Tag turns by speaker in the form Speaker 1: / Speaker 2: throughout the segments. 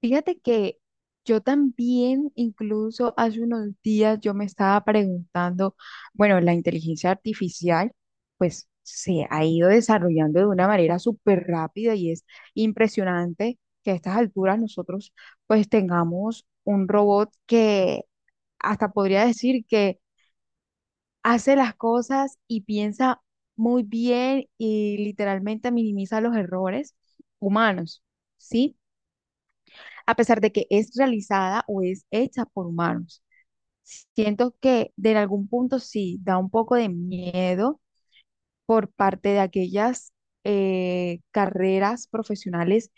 Speaker 1: Fíjate que yo también, incluso hace unos días, yo me estaba preguntando, bueno, la inteligencia artificial, pues se ha ido desarrollando de una manera súper rápida y es impresionante que a estas alturas nosotros pues tengamos un robot que hasta podría decir que hace las cosas y piensa muy bien y literalmente minimiza los errores humanos, ¿sí? A pesar de que es realizada o es hecha por humanos. Siento que de algún punto sí da un poco de miedo por parte de aquellas carreras profesionales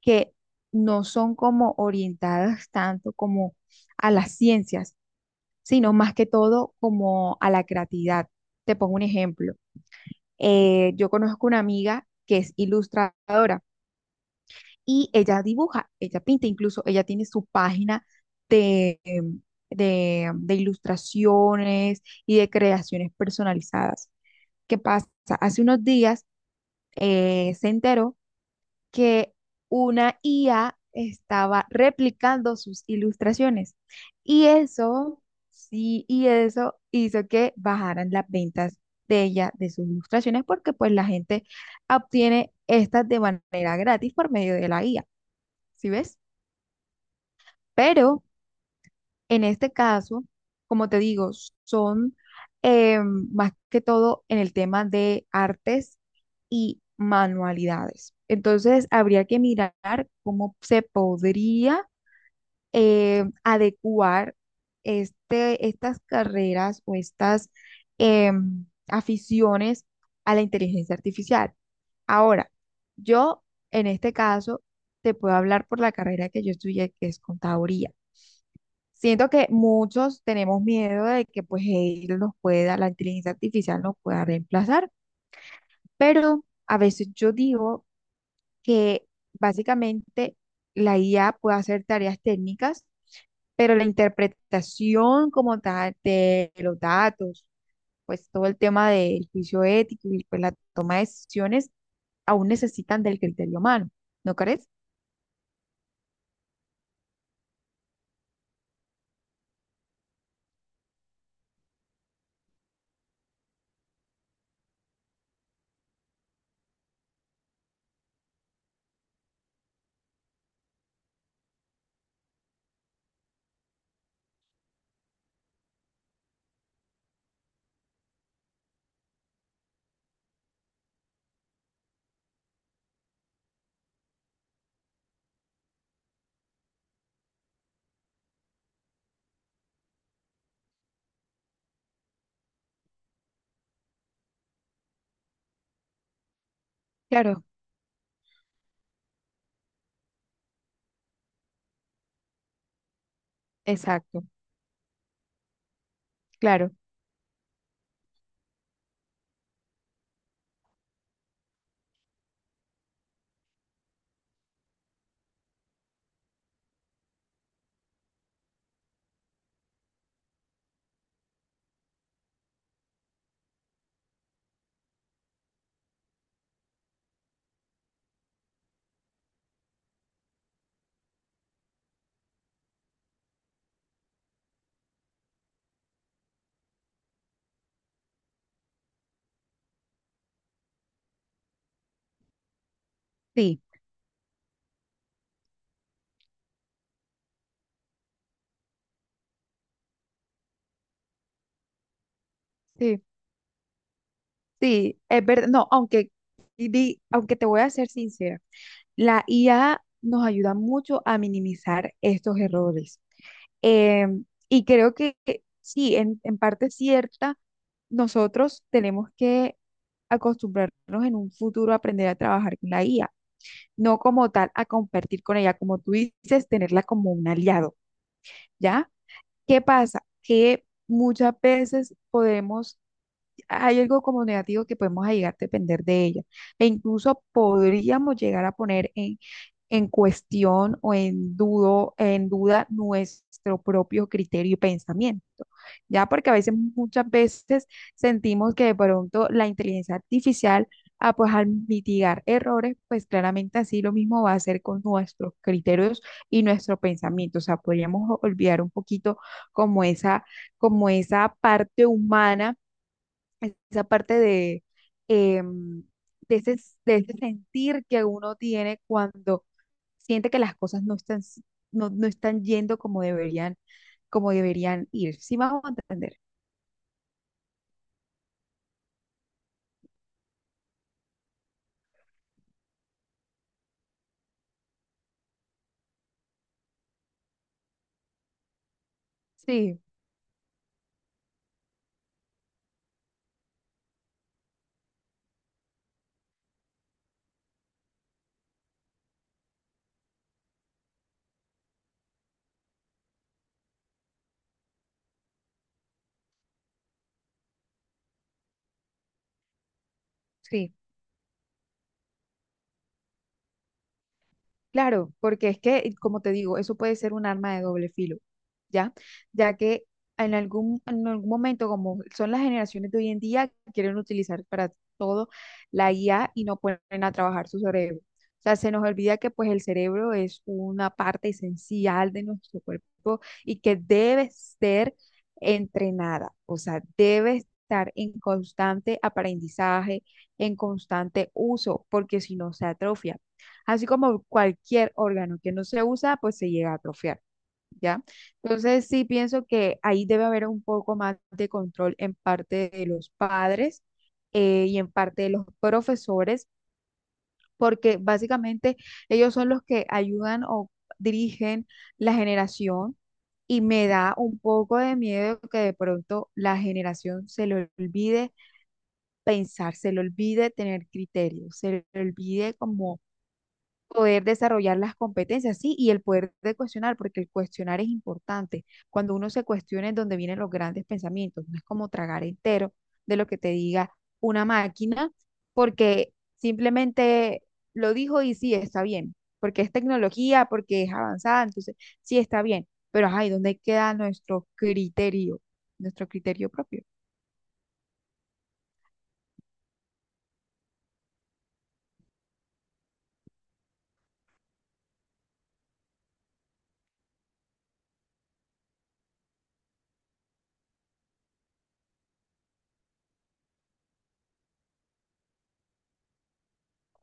Speaker 1: que no son como orientadas tanto como a las ciencias, sino más que todo como a la creatividad. Te pongo un ejemplo. Yo conozco una amiga que es ilustradora y ella dibuja, ella pinta, incluso ella tiene su página de, em, de ilustraciones y de creaciones personalizadas. ¿Qué pasa? Hace unos días se enteró que una IA estaba replicando sus ilustraciones y eso, sí, y eso hizo que bajaran las ventas de ella, de sus ilustraciones, porque pues la gente obtiene estas de manera gratis por medio de la IA. ¿Sí ves? Pero en este caso, como te digo, son más que todo en el tema de artes y manualidades. Entonces, habría que mirar cómo se podría adecuar estas carreras o estas aficiones a la inteligencia artificial. Ahora, yo en este caso te puedo hablar por la carrera que yo estudié, que es contaduría. Siento que muchos tenemos miedo de que pues él nos pueda, la inteligencia artificial nos pueda reemplazar, pero a veces yo digo que básicamente la IA puede hacer tareas técnicas, pero la interpretación como tal de los datos, pues todo el tema del juicio ético y pues la toma de decisiones aún necesitan del criterio humano, ¿no crees? Claro, exacto, claro, sí, sí. Sí, es verdad. No, aunque, aunque te voy a ser sincera, la IA nos ayuda mucho a minimizar estos errores. Eh, y creo que sí, en parte cierta, nosotros tenemos que acostumbrarnos en un futuro a aprender a trabajar con la IA, no como tal a compartir con ella, como tú dices, tenerla como un aliado, ¿ya? ¿Qué pasa? Que muchas veces podemos hay algo como negativo que podemos llegar a depender de ella. E incluso podríamos llegar a poner en cuestión o en dudo, en duda nuestro propio criterio y pensamiento. Ya porque a veces, muchas veces sentimos que de pronto la inteligencia artificial, ah, pues al mitigar errores, pues claramente así lo mismo va a hacer con nuestros criterios y nuestro pensamiento. O sea, podríamos olvidar un poquito como esa, como esa parte humana esa parte em, de ese, de ese sentir que uno tiene cuando siente que las cosas no están, no, no están yendo como deberían ir. ¿Sí me a entender? Sí, sí. Claro, porque es que, como te digo, eso puede ser un arma de doble filo, ¿ya? Ya que en algún momento, como son las generaciones de hoy en día, quieren utilizar para todo la IA y no ponen a trabajar su cerebro. O sea, se nos olvida que pues el cerebro es una parte esencial de nuestro cuerpo y que debe ser entrenada, o sea, debe estar en constante aprendizaje, en constante uso, porque si no se atrofia. Así como cualquier órgano que no se usa, pues se llega a atrofiar, ¿ya? Entonces sí pienso que ahí debe haber un poco más de control en parte de los padres y en parte de los profesores, porque básicamente ellos son los que ayudan o dirigen la generación y me da un poco de miedo que de pronto la generación se le olvide pensar, se le olvide tener criterio, se le olvide como poder desarrollar las competencias, sí, y el poder de cuestionar, porque el cuestionar es importante. Cuando uno se cuestiona es donde vienen los grandes pensamientos, no es como tragar entero de lo que te diga una máquina, porque simplemente lo dijo y sí, está bien, porque es tecnología, porque es avanzada, entonces sí está bien, pero ajá, ¿y dónde queda nuestro criterio propio?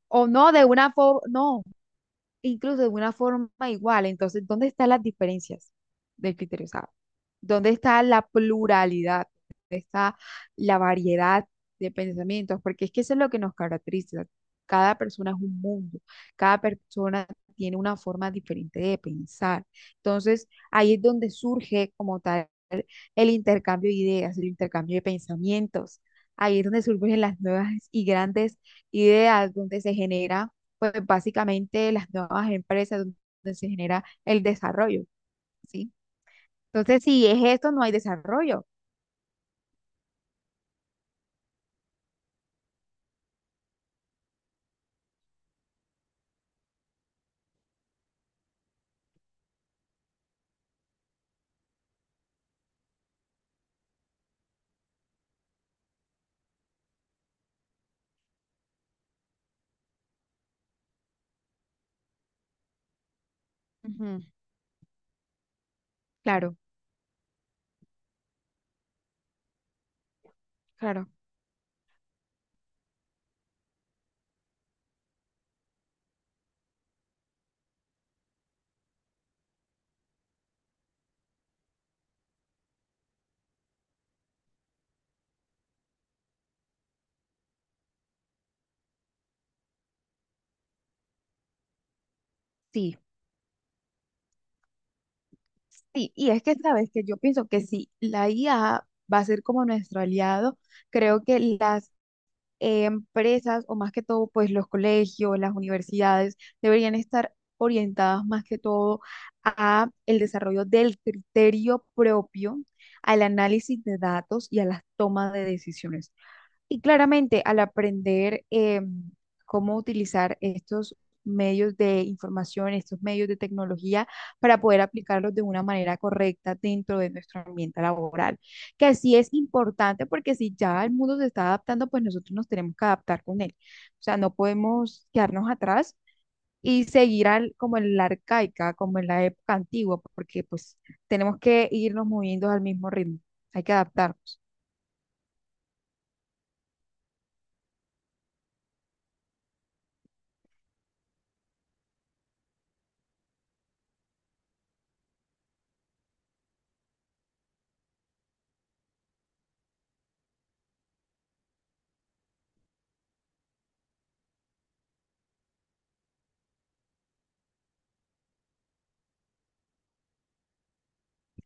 Speaker 1: O no, de una forma, no, incluso de una forma igual. Entonces, ¿dónde están las diferencias del criterio? O sea, ¿dónde está la pluralidad? ¿Dónde está la variedad de pensamientos? Porque es que eso es lo que nos caracteriza. Cada persona es un mundo, cada persona tiene una forma diferente de pensar. Entonces, ahí es donde surge como tal el intercambio de ideas, el intercambio de pensamientos. Ahí es donde surgen las nuevas y grandes ideas, donde se genera pues básicamente las nuevas empresas donde se genera el desarrollo, ¿sí? Entonces, si es esto, no hay desarrollo. Ujú, claro, claro, sí, sí. Y es que, sabes, que yo pienso que si la IA va a ser como nuestro aliado, creo que las empresas o más que todo, pues los colegios, las universidades deberían estar orientadas más que todo a el desarrollo del criterio propio, al análisis de datos y a las tomas de decisiones. Y claramente al aprender cómo utilizar estos medios de información, estos medios de tecnología para poder aplicarlos de una manera correcta dentro de nuestro ambiente laboral, que sí es importante porque si ya el mundo se está adaptando, pues nosotros nos tenemos que adaptar con él. O sea, no podemos quedarnos atrás y seguir al, como en la arcaica, como en la época antigua, porque pues tenemos que irnos moviendo al mismo ritmo, hay que adaptarnos.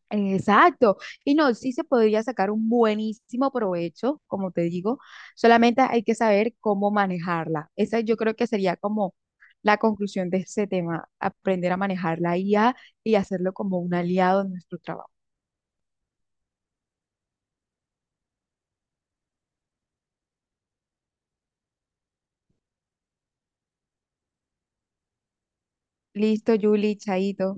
Speaker 1: Exacto. Y no, sí se podría sacar un buenísimo provecho, como te digo, solamente hay que saber cómo manejarla. Esa yo creo que sería como la conclusión de ese tema, aprender a manejar la IA y hacerlo como un aliado en nuestro trabajo. Listo, Julie, chaito.